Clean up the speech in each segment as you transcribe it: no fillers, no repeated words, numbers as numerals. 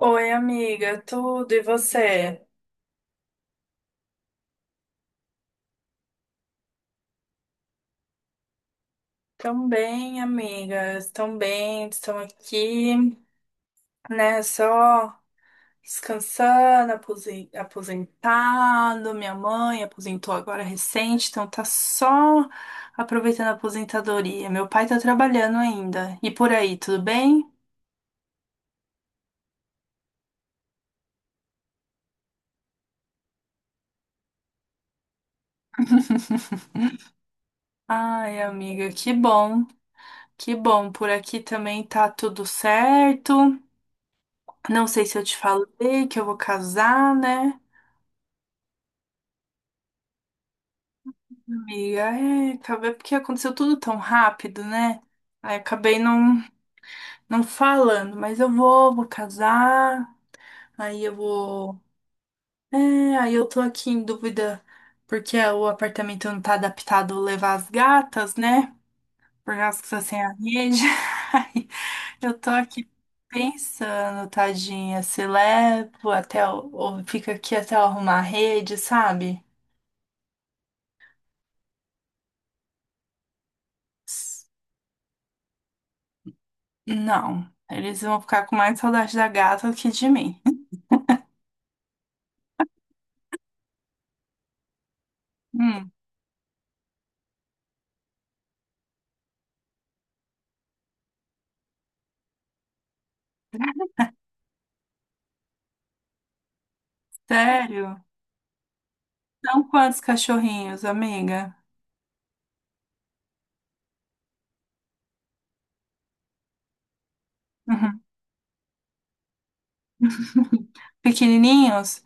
Oi, amiga, tudo e você? Tão bem, amigas, tão bem, estão aqui, né? Só descansando, aposentado. Minha mãe aposentou agora recente, então tá só aproveitando a aposentadoria. Meu pai tá trabalhando ainda. E por aí, tudo bem? Ai, amiga, que bom, que bom. Por aqui também tá tudo certo. Não sei se eu te falei que eu vou casar, né? Amiga, é, acabei porque aconteceu tudo tão rápido, né? Aí acabei não, não falando, mas eu vou, vou casar, aí eu vou. É, aí eu tô aqui em dúvida porque o apartamento não tá adaptado a levar as gatas, né? Por causa que tá sem a rede. Aí eu tô aqui pensando, tadinha, se levo até, ou fica aqui até eu arrumar a rede, sabe? Não, eles vão ficar com mais saudade da gata do que de mim. Hum, sério? São quantos cachorrinhos, amiga? Uhum. Pequenininhos?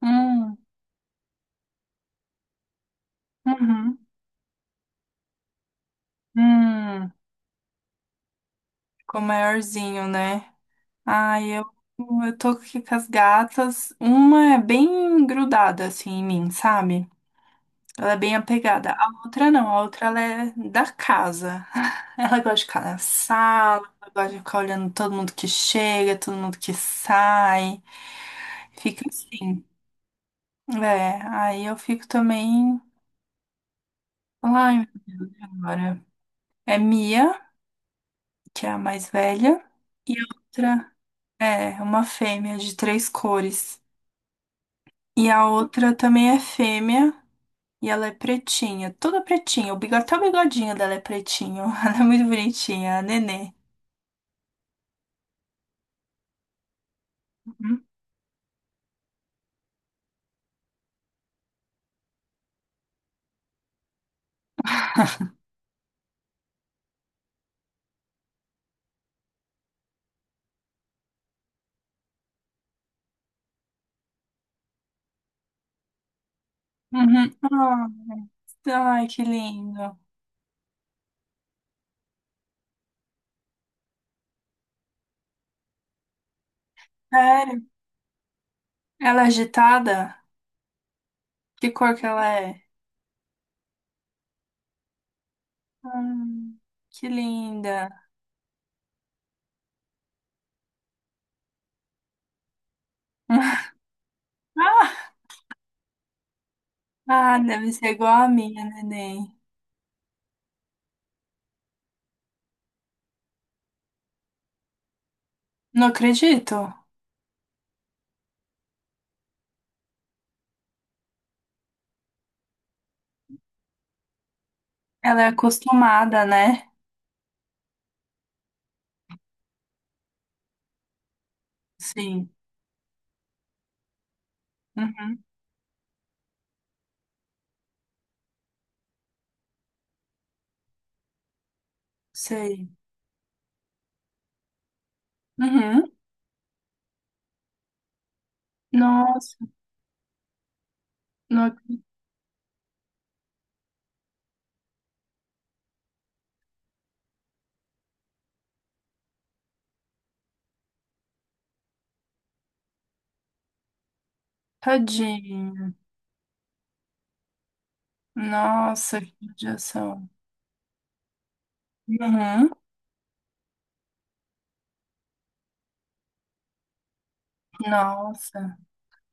Hum, uhum, hum, ficou maiorzinho, né? Ai, eu, eu tô aqui com as gatas. Uma é bem grudada assim em mim, sabe? Ela é bem apegada. A outra não, a outra ela é da casa. Ela gosta de ficar na sala, ela gosta de ficar olhando todo mundo que chega, todo mundo que sai. Fica assim. É, aí eu fico também. Ai, meu Deus, e agora? É Mia, que é a mais velha, e a outra é uma fêmea de três cores. E a outra também é fêmea. E ela é pretinha, toda pretinha. O até o bigodinho dela é pretinho. Ela é muito bonitinha, a Nenê. Uhum. Uhum. Ai, ai, que lindo. Sério? Ela é agitada? Que cor que ela é? Hum, que linda. Ah, ah, deve ser igual a minha, neném. Não acredito. Ela é acostumada, né? Sim. Uhum. Sei. Uhum. Nossa, não acredito. Tadinho. Nossa, que judiação. Uhum. Nossa.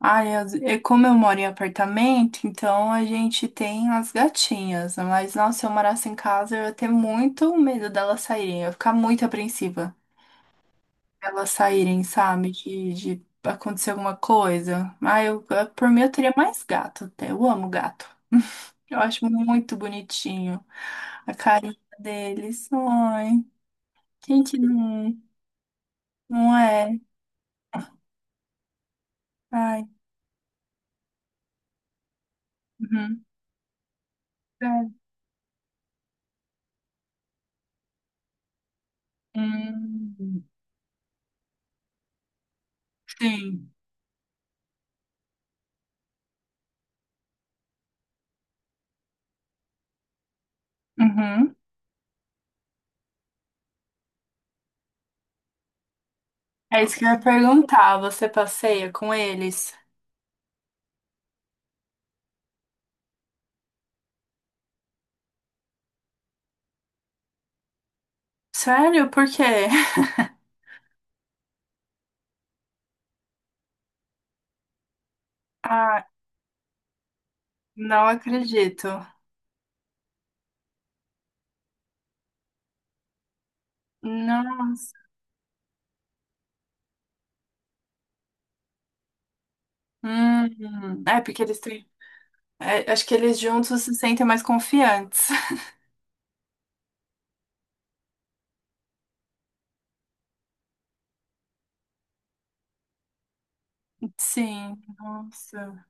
Ai, e como eu moro em apartamento, então a gente tem as gatinhas. Mas, nossa, se eu morasse em casa, eu ia ter muito medo delas saírem. Eu ia ficar muito apreensiva. Elas saírem, sabe? De acontecer alguma coisa. Ai, por mim, eu teria mais gato até. Eu amo gato. Eu acho muito bonitinho a carinha deles. Ai, gente, não, não é. Ai, uhum. É. Hum, sim. Uhum. É isso que eu ia perguntar. Você passeia com eles? Sério? Por quê? Ah, não acredito. Nossa. Hum. É porque eles têm. É, acho que eles juntos se sentem mais confiantes. Sim, nossa.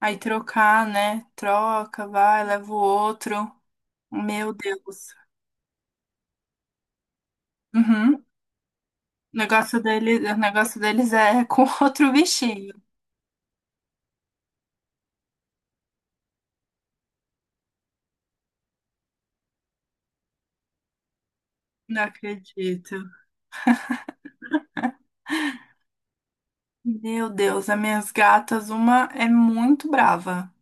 Aí trocar, né? Troca, vai, leva o outro. Meu Deus. Uhum. O negócio dele, o negócio deles é com outro bichinho. Não acredito. Meu Deus, as minhas gatas, uma é muito brava.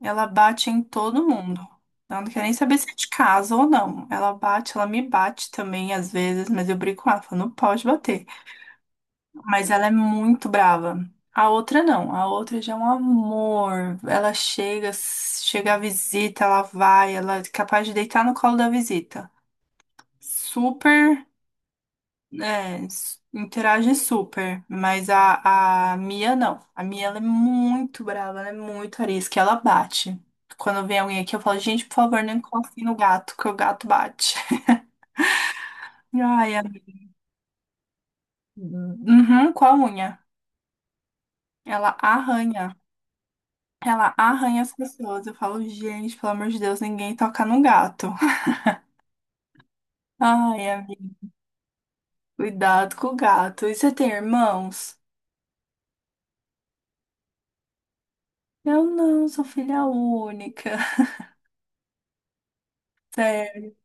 Ela bate em todo mundo. Ela não quer nem saber se é de casa ou não. Ela bate, ela me bate também às vezes, mas eu brigo com ela, falo, não pode bater. Mas ela é muito brava. A outra não, a outra já é um amor. Ela chega, chega a visita, ela vai, ela é capaz de deitar no colo da visita. Super É, interage super, mas a Mia não. A Mia ela é muito brava, ela é muito arisca, ela bate. Quando vem alguém aqui, eu falo, gente, por favor, não encoste no gato, que o gato bate. Ai, a... Uhum, com a unha. Ela arranha. Ela arranha as pessoas. Eu falo, gente, pelo amor de Deus, ninguém toca no gato. Ai, amiga, cuidado com o gato. E você tem irmãos? Eu não, sou filha única. Sério,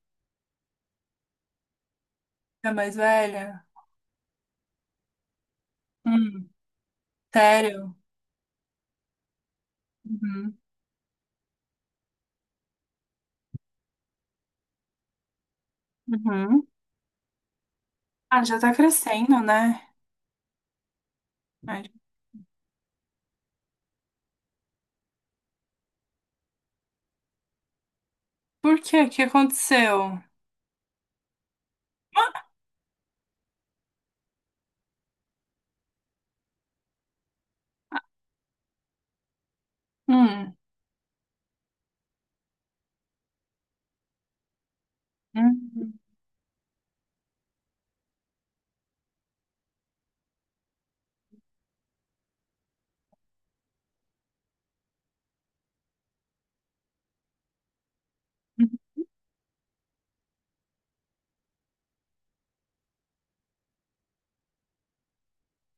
é mais velha? Hum. Sério? Uhum. Uhum. Ah, já tá crescendo, né? Mas por quê? O que aconteceu? Hum. Uhum.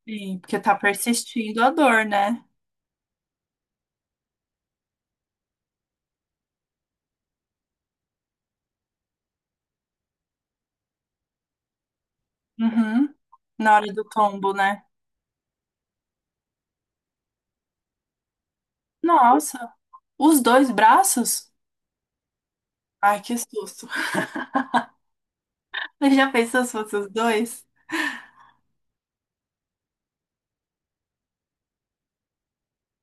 Sim, porque tá persistindo a dor, né? Uhum. Na hora do tombo, né? Nossa, os dois braços? Ai, que susto. Você já pensou se fosse os dois?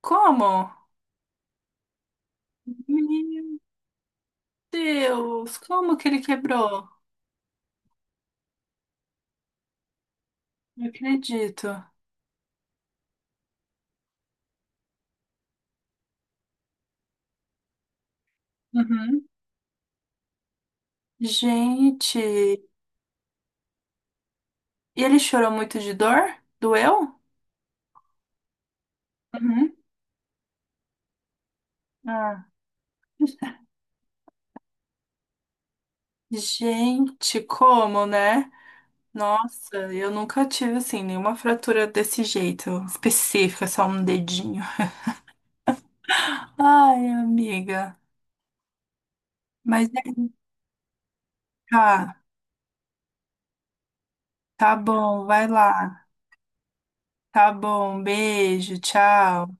Como? Meu Deus, como que ele quebrou? Não acredito. Uhum. Gente, e ele chorou muito de dor? Doeu? Uhum. Ah. Gente, como, né? Nossa, eu nunca tive assim nenhuma fratura desse jeito, específica, só um dedinho. Ai, amiga. Mas é, tá, tá bom, vai lá. Tá bom, beijo, tchau.